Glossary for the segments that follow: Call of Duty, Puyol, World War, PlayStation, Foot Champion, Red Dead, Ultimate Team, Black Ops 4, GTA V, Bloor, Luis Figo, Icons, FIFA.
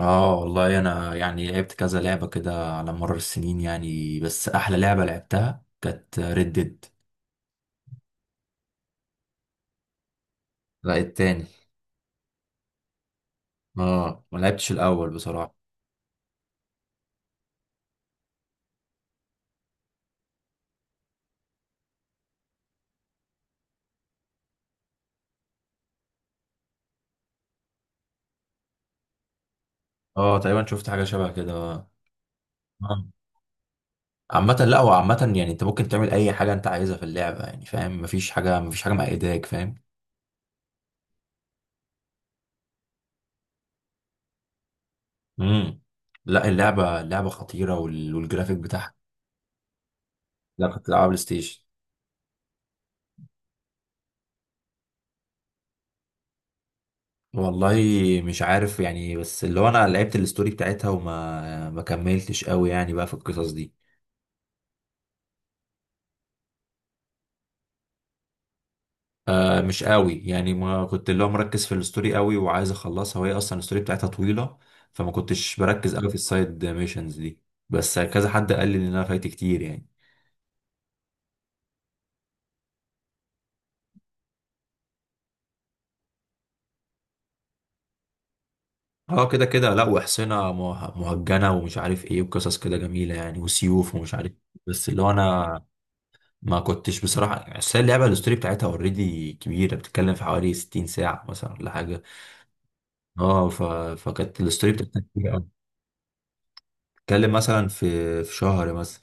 اه، والله انا يعني لعبت كذا لعبة كده على مر السنين، يعني بس احلى لعبة لعبتها كانت ريد ديد. لا، التاني. اه، ما لعبتش الاول بصراحة. اه، تقريبا شفت حاجة شبه كده، اه. آه. عامة، لا هو عامة يعني انت ممكن تعمل اي حاجة انت عايزها في اللعبة، يعني فاهم؟ مفيش حاجة مقيداك، فاهم؟ امم. لا، اللعبة خطيرة والجرافيك بتاعها. لا، كنت بلعبها بلاي ستيشن. والله. مش عارف يعني، بس اللي هو انا لعبت الستوري بتاعتها وما ما كملتش قوي يعني بقى في القصص دي. آه، مش قوي يعني ما كنت اللي هو مركز في الستوري قوي، وعايز اخلصها وهي اصلا الستوري بتاعتها طويله. فما كنتش بركز قوي في السايد ميشنز دي. بس كذا حد قال لي ان انا فايت كتير يعني. اه كده كده، لا وحصنة مهجنة ومش عارف ايه، وقصص كده جميلة يعني، وسيوف ومش عارف إيه. بس اللي هو انا. ما كنتش بصراحة، اصل هي اللعبة الستوري بتاعتها اوريدي كبيرة، بتتكلم في حوالي 60 ساعة مثلا ولا حاجة. اه فكانت الستوري بتاعتها كبيرة أوي. بتتكلم مثلا في شهر مثلا.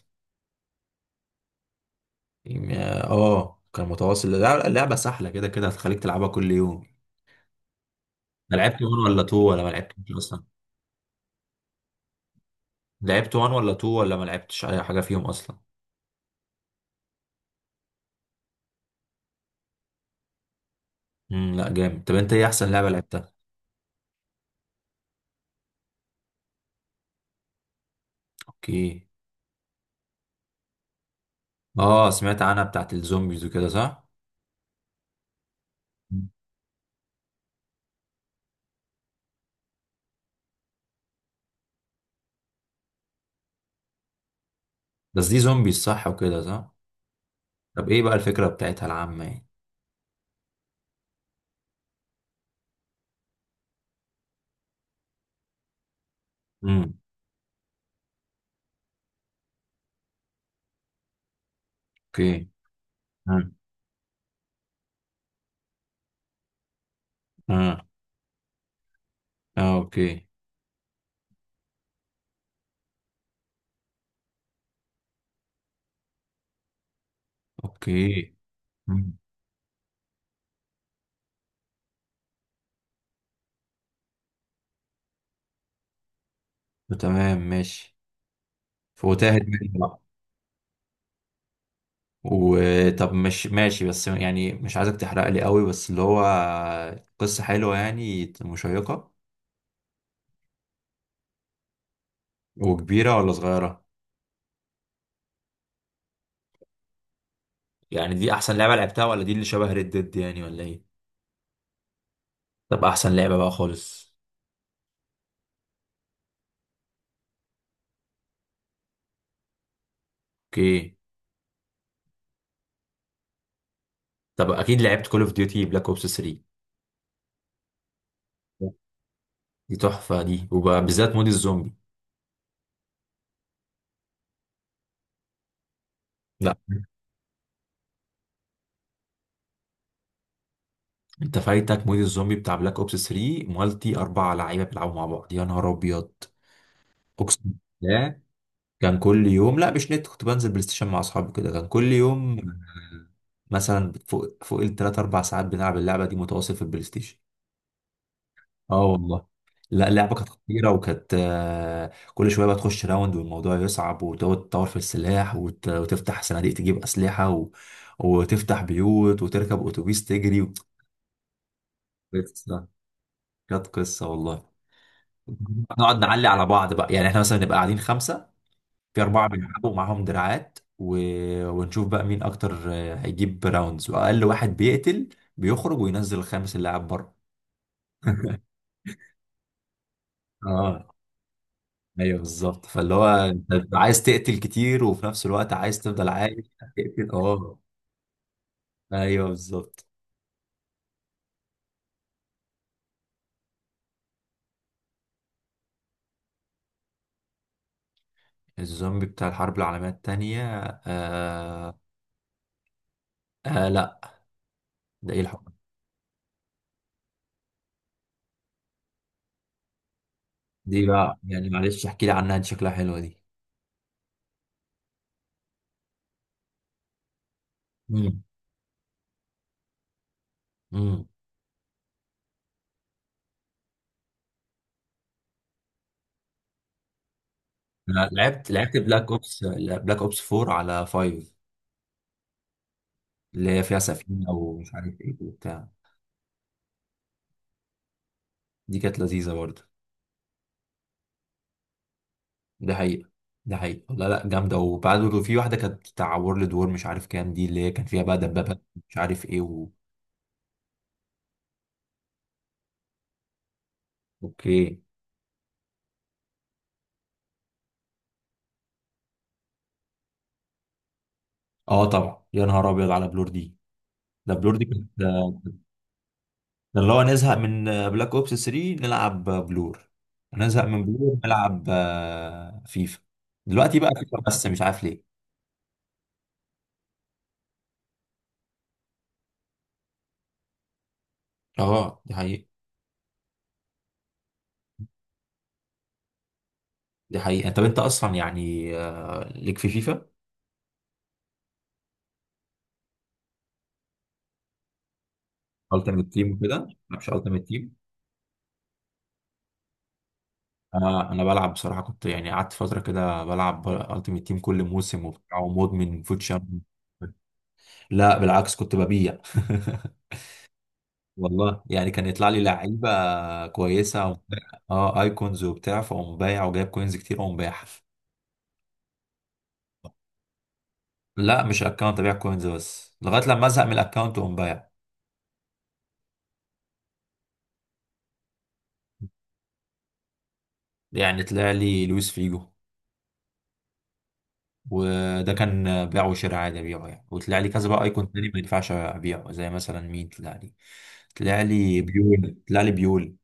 اه، كان متواصل لا، اللعبة سهلة كده كده هتخليك تلعبها كل يوم. انا لعبت 1 ولا 2 ولا ما لعبتش اصلا. لعبت 1 ولا 2 ولا ما لعبتش اي حاجة فيهم اصلا. لا جامد، طب انت ايه احسن لعبة لعبتها؟ اوكي. اه، سمعت عنها بتاعت الزومبيز وكده، صح؟ مم. بس دي زومبيز صح وكده صح؟ طب ايه بقى الفكرة بتاعتها العامة يعني؟ امم. اوكي. امم. اه، اه. اوكي، اوكي. امم. تمام، ماشي. وتاهت مني. وطب مش ماشي بس يعني مش عايزك تحرق لي قوي، بس اللي هو قصة حلوة يعني، مشيقة. وكبيرة ولا صغيرة؟ يعني دي احسن لعبة لعبتها ولا دي اللي شبه ريد ديد يعني، ولا ايه؟ طب احسن لعبة بقى خالص؟ اوكي. طب اكيد لعبت كول اوف ديوتي بلاك اوبس 3؟ دي تحفة دي، وبالذات مود الزومبي. لا. انت فايتك مود الزومبي بتاع بلاك اوبس 3 مالتي، اربع لعيبه بيلعبوا مع بعض، يا نهار ابيض. اقسم بالله. كان كل يوم، لا مش نت، كنت بنزل بلاي ستيشن مع اصحابي كده كان كل يوم، مثلا فوق الثلاث اربع ساعات بنلعب اللعبه دي متواصل في البلاي ستيشن. اه، والله. لا، اللعبه كانت خطيره وكانت كل شويه بقى تخش راوند والموضوع يصعب وتقعد تطور في السلاح وتفتح صناديق تجيب اسلحه. وتفتح بيوت وتركب اتوبيس تجري. قصه، كانت قصه والله. نقعد نعلي على بعض بقى، يعني احنا مثلا نبقى قاعدين خمسه. في أربعة بيلعبوا معاهم دراعات. ونشوف بقى مين أكتر هيجيب راوندز، وأقل واحد بيقتل. بيخرج وينزل الخامس، اللاعب بره. اه ايوه بالظبط، فاللي هو انت بتبقى عايز تقتل كتير وفي نفس الوقت عايز تفضل عايش. تقتل، اه. ايوه بالظبط. الزومبي بتاع الحرب العالمية التانية. آه. آه، لا. ده ايه الحب؟ دي بقى يعني معلش، احكي لي عنها دي، شكلها حلوة دي. امم. امم. لعبت بلاك اوبس 4 على 5. اللي هي فيها سفينة ومش عارف ايه وبتاع. دي كانت لذيذة برضه. ده حقيقة. ده حقيقة، لا لا جامدة. وبعد في واحدة كانت بتاع وورلد وور، مش عارف كام دي، اللي هي كان فيها بقى دبابة. مش عارف ايه. اوكي. اه طبعا، يا نهار ابيض على بلور دي. ده بلور دي كانت ده. اللي هو، نزهق من بلاك اوبس 3 نلعب بلور. نزهق من بلور نلعب فيفا. دلوقتي بقى فيفا، بس مش عارف ليه. اه، دي حقيقة. دي حقيقة، طب انت اصلا يعني ليك في فيفا التيمت تيم وكده، ما بلعبش التيمت تيم. انا بلعب بصراحه، كنت يعني قعدت فتره كده بلعب التيمت تيم كل موسم وبتاع، ومدمن فوت شامبيون. لا بالعكس، كنت ببيع. والله يعني كان يطلع لي لعيبه كويسه وبتاع. اه، ايكونز وبتاع، فاقوم بايع وجايب كوينز كتير واقوم بايع. لا، مش اكونت، ابيع كوينز بس، لغايه لما ازهق من الاكونت واقوم بايع. يعني طلع لي لويس فيجو. وده كان بيع وشراء عادي ابيعه يعني، وطلع لي كذا بقى ايكون تاني ما ينفعش ابيعه، زي مثلا مين طلع لي؟ طلع لي بيول، طلع لي بيول.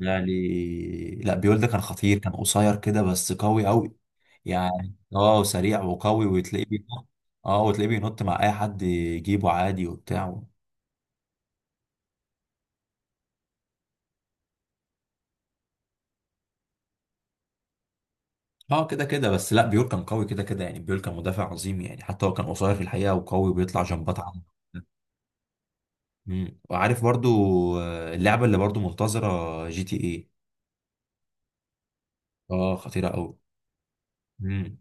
طلع لي، لا، بيول ده كان خطير، كان قصير كده بس قوي قوي. يعني سريع وقوي وتلاقيه بينط. اه، وتلاقيه بينط مع اي حد يجيبه عادي وبتاع. اه كده كده، بس لا بيول كان قوي كده كده، يعني بيول كان مدافع عظيم يعني، حتى هو كان قصير في الحقيقة، وقوي وبيطلع جنبات عنه. مم. وعارف برضو، اللعبة اللي برضو منتظرة جي تي ايه؟ اه، خطيرة قوي. امم.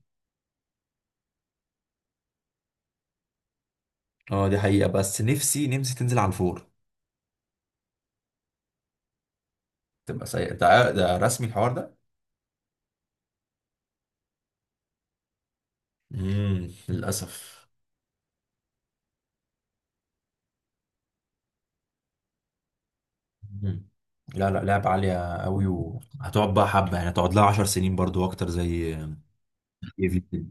اه، دي حقيقة، بس نفسي نفسي تنزل على الفور. تبقى سيئة، ده ده رسمي الحوار ده. امم، للأسف. أمم. لا لا، لعبة عالية قوي، هتقعد بقى حبة يعني، هتقعد لها 10 سنين برضو اكتر زي اي في كده.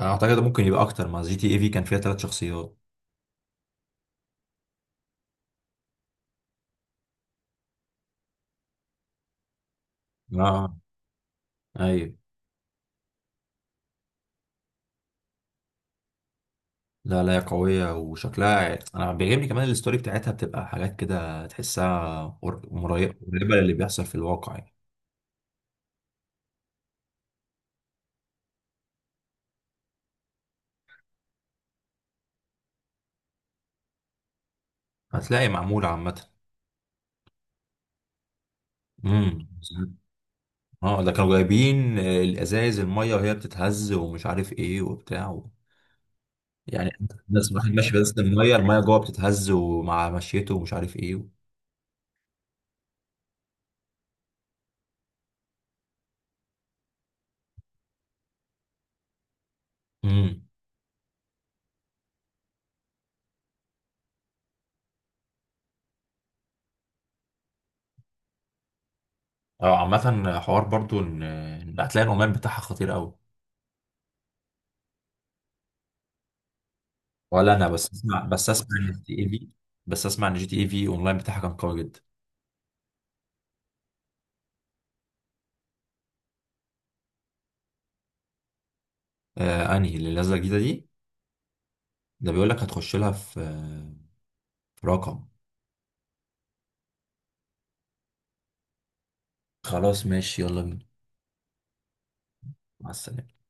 انا اعتقد ممكن يبقى اكتر، ما جي تي اي في كان فيها ثلاث شخصيات. اه، ايوه. لا لا، هي قوية وشكلها انا بيعجبني، كمان الستوري بتاعتها بتبقى حاجات كده تحسها قريبة للي بيحصل في الواقع يعني. هتلاقي معمولة عامة. امم. اه ده كانوا جايبين الازايز الميه وهي بتتهز، ومش عارف ايه وبتاع. يعني. الناس، واحد ماشي بس الميه الميه جوه بتتهز ومع مشيته، ومش عارف ايه. امم. اه عامة حوار برضو ان هتلاقي الاونلاين بتاعها خطير قوي. ولا انا بس اسمع ان جي تي اي في. بس اسمع ان جي تي اي في اونلاين بتاعها كان قوي جدا. آه، انهي اللي نازله جديده دي؟ ده بيقول لك هتخش لها في رقم. خلاص ماشي، يلا بينا. مع السلامه.